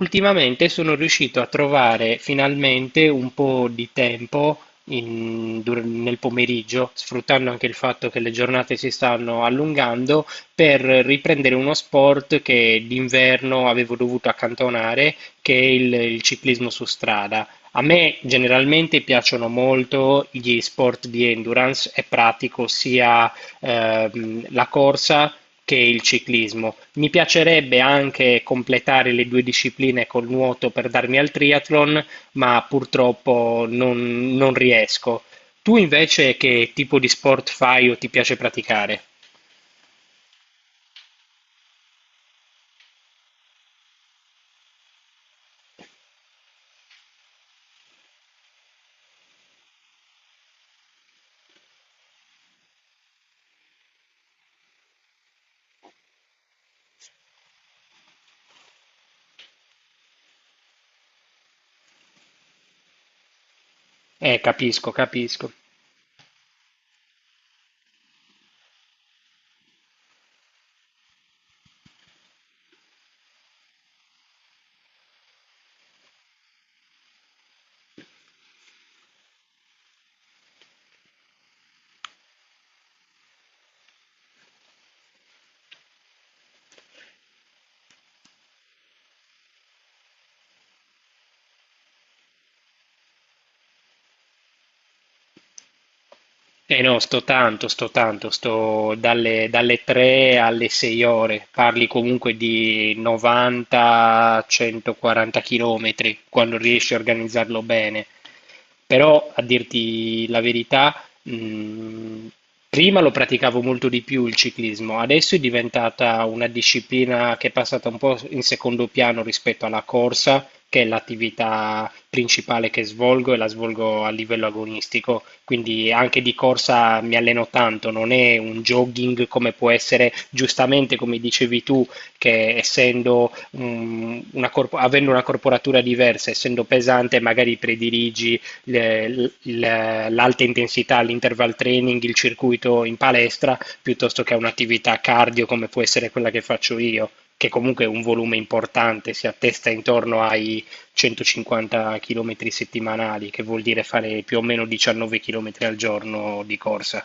Ultimamente sono riuscito a trovare finalmente un po' di tempo nel pomeriggio, sfruttando anche il fatto che le giornate si stanno allungando, per riprendere uno sport che d'inverno avevo dovuto accantonare, che è il ciclismo su strada. A me generalmente piacciono molto gli sport di endurance e pratico sia la corsa che il ciclismo. Mi piacerebbe anche completare le due discipline col nuoto per darmi al triathlon, ma purtroppo non riesco. Tu invece che tipo di sport fai o ti piace praticare? Capisco, capisco. Eh no, sto tanto, sto tanto, sto dalle 3 alle 6 ore, parli comunque di 90-140 km quando riesci a organizzarlo bene. Però a dirti la verità, mh, prima lo praticavo molto di più il ciclismo, adesso è diventata una disciplina che è passata un po' in secondo piano rispetto alla corsa, che è l'attività principale che svolgo e la svolgo a livello agonistico, quindi anche di corsa mi alleno tanto, non è un jogging come può essere giustamente come dicevi tu, che essendo avendo una corporatura diversa, essendo pesante, magari prediligi l'alta intensità, l'interval training, il circuito in palestra, piuttosto che a un'attività cardio come può essere quella che faccio io, che comunque è un volume importante, si attesta intorno ai 150 chilometri settimanali, che vuol dire fare più o meno 19 chilometri al giorno di corsa.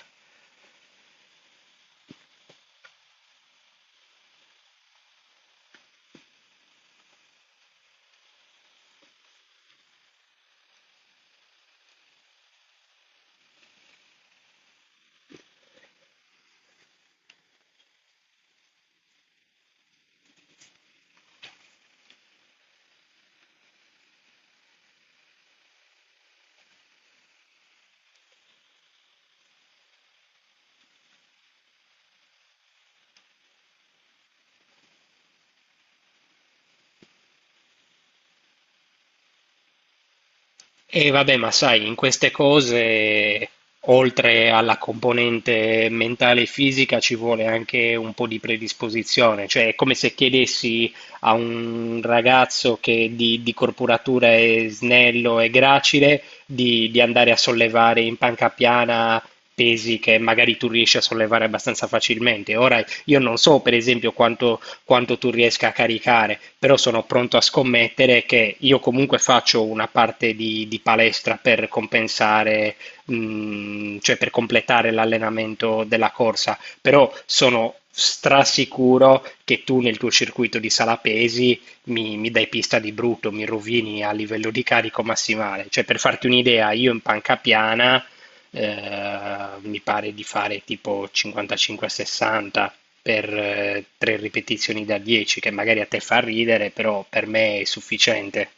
E vabbè, ma sai, in queste cose, oltre alla componente mentale e fisica, ci vuole anche un po' di predisposizione. Cioè, è come se chiedessi a un ragazzo che di corporatura è snello e gracile di andare a sollevare in panca piana pesi che magari tu riesci a sollevare abbastanza facilmente. Ora, io non so, per esempio, quanto tu riesca a caricare, però sono pronto a scommettere che io comunque faccio una parte di palestra per compensare, cioè per completare l'allenamento della corsa, però sono strasicuro che tu nel tuo circuito di sala pesi mi dai pista di brutto, mi rovini a livello di carico massimale. Cioè, per farti un'idea, io in panca piana mi pare di fare tipo 55-60 per tre ripetizioni da 10, che magari a te fa ridere, però per me è sufficiente.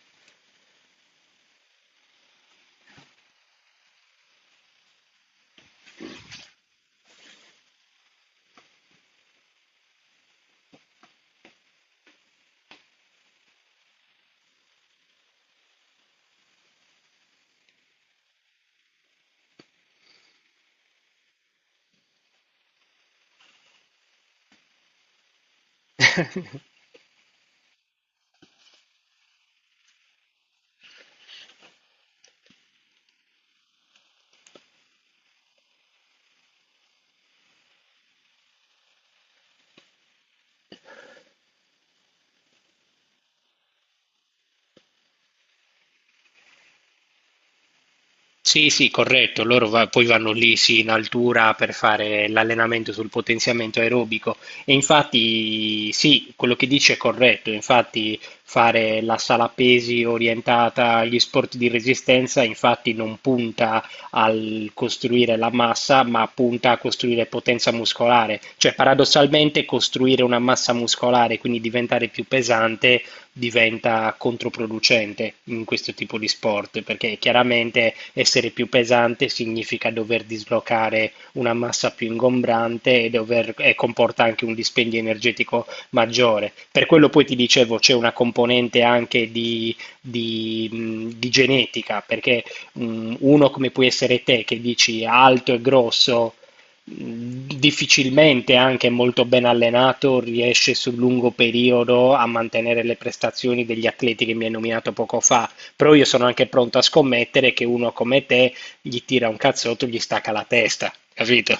Sì, sì, corretto. Loro poi vanno lì, sì, in altura per fare l'allenamento sul potenziamento aerobico. E infatti, sì, quello che dice è corretto. Infatti, fare la sala pesi orientata agli sport di resistenza, infatti, non punta al costruire la massa, ma punta a costruire potenza muscolare. Cioè, paradossalmente, costruire una massa muscolare, quindi diventare più pesante diventa controproducente in questo tipo di sport, perché chiaramente essere più pesante significa dover dislocare una massa più ingombrante e, e comporta anche un dispendio energetico maggiore. Per quello poi ti dicevo c'è una componente anche di, di genetica, perché uno come puoi essere te che dici alto e grosso difficilmente, anche molto ben allenato, riesce sul lungo periodo a mantenere le prestazioni degli atleti che mi hai nominato poco fa. Però io sono anche pronto a scommettere che uno come te gli tira un cazzotto e gli stacca la testa, capito?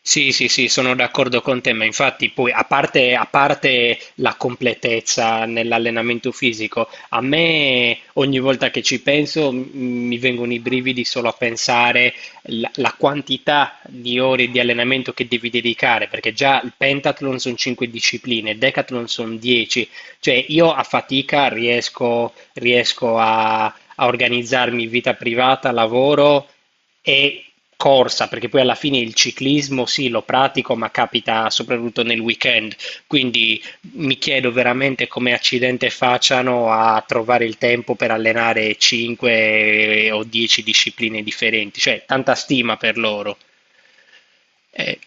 Sì, sì, sì, sono d'accordo con te, ma infatti poi a parte la completezza nell'allenamento fisico, a me ogni volta che ci penso mi vengono i brividi solo a pensare la quantità di ore di allenamento che devi dedicare, perché già il pentathlon sono 5 discipline, il decathlon sono 10, cioè io a fatica riesco a organizzarmi vita privata, lavoro e corsa, perché poi alla fine il ciclismo sì, lo pratico, ma capita soprattutto nel weekend, quindi mi chiedo veramente come accidente facciano a trovare il tempo per allenare 5 o 10 discipline differenti, cioè tanta stima per loro. Eh,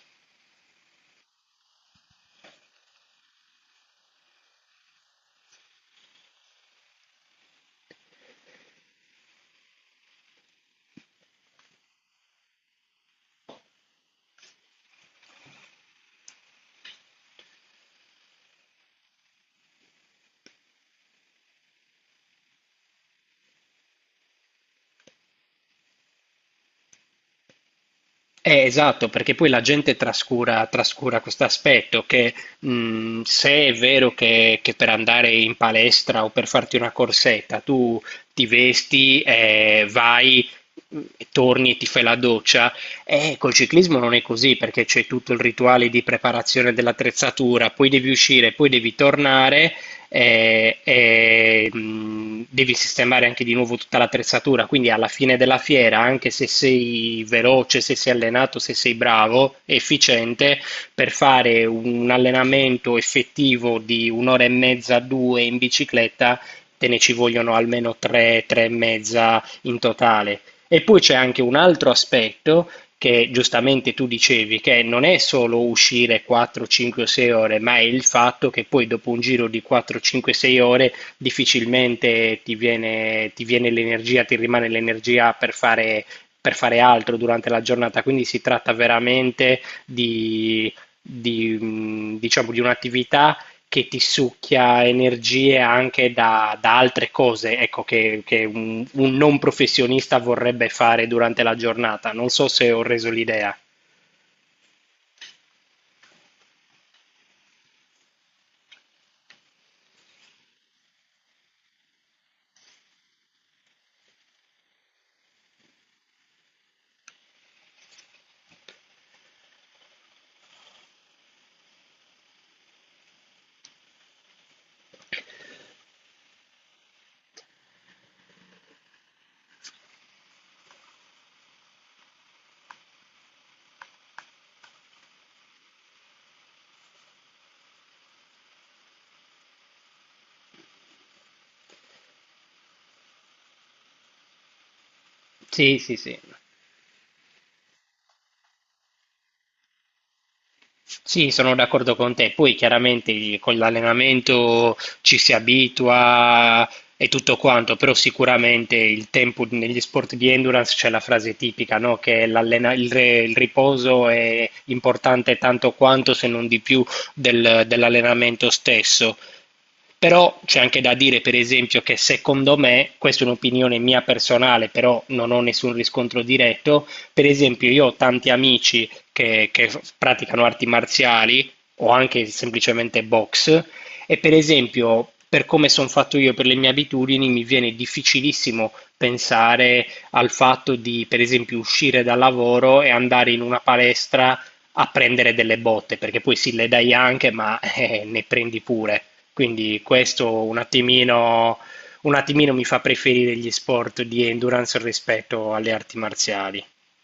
Esatto, perché poi la gente trascura, trascura questo aspetto che se è vero che per andare in palestra o per farti una corsetta tu ti vesti, vai, e torni e ti fai la doccia, col ciclismo non è così perché c'è tutto il rituale di preparazione dell'attrezzatura, poi devi uscire, poi devi tornare e, devi sistemare anche di nuovo tutta l'attrezzatura. Quindi alla fine della fiera, anche se sei veloce, se sei allenato, se sei bravo, efficiente, per fare un allenamento effettivo di un'ora e mezza, due in bicicletta, te ne ci vogliono almeno tre, tre e mezza in totale. E poi c'è anche un altro aspetto che giustamente tu dicevi, che non è solo uscire 4, 5 o 6 ore, ma è il fatto che poi dopo un giro di 4, 5, 6 ore difficilmente ti viene l'energia, ti rimane l'energia per fare altro durante la giornata. Quindi si tratta veramente di, di, diciamo, di un'attività che ti succhia energie anche da altre cose, ecco, che un non professionista vorrebbe fare durante la giornata. Non so se ho reso l'idea. Sì, sì, sì. Sì, sono d'accordo con te. Poi chiaramente con l'allenamento ci si abitua e tutto quanto, però sicuramente il tempo negli sport di endurance c'è la frase tipica, no? Che il riposo è importante tanto quanto, se non di più, dell'allenamento stesso. Però c'è anche da dire, per esempio, che secondo me, questa è un'opinione mia personale, però non ho nessun riscontro diretto, per esempio io ho tanti amici che praticano arti marziali o anche semplicemente box e per esempio, per come sono fatto io, per le mie abitudini, mi viene difficilissimo pensare al fatto di, per esempio, uscire dal lavoro e andare in una palestra a prendere delle botte, perché poi sì, le dai anche, ma ne prendi pure. Quindi questo un attimino mi fa preferire gli sport di endurance rispetto alle arti marziali.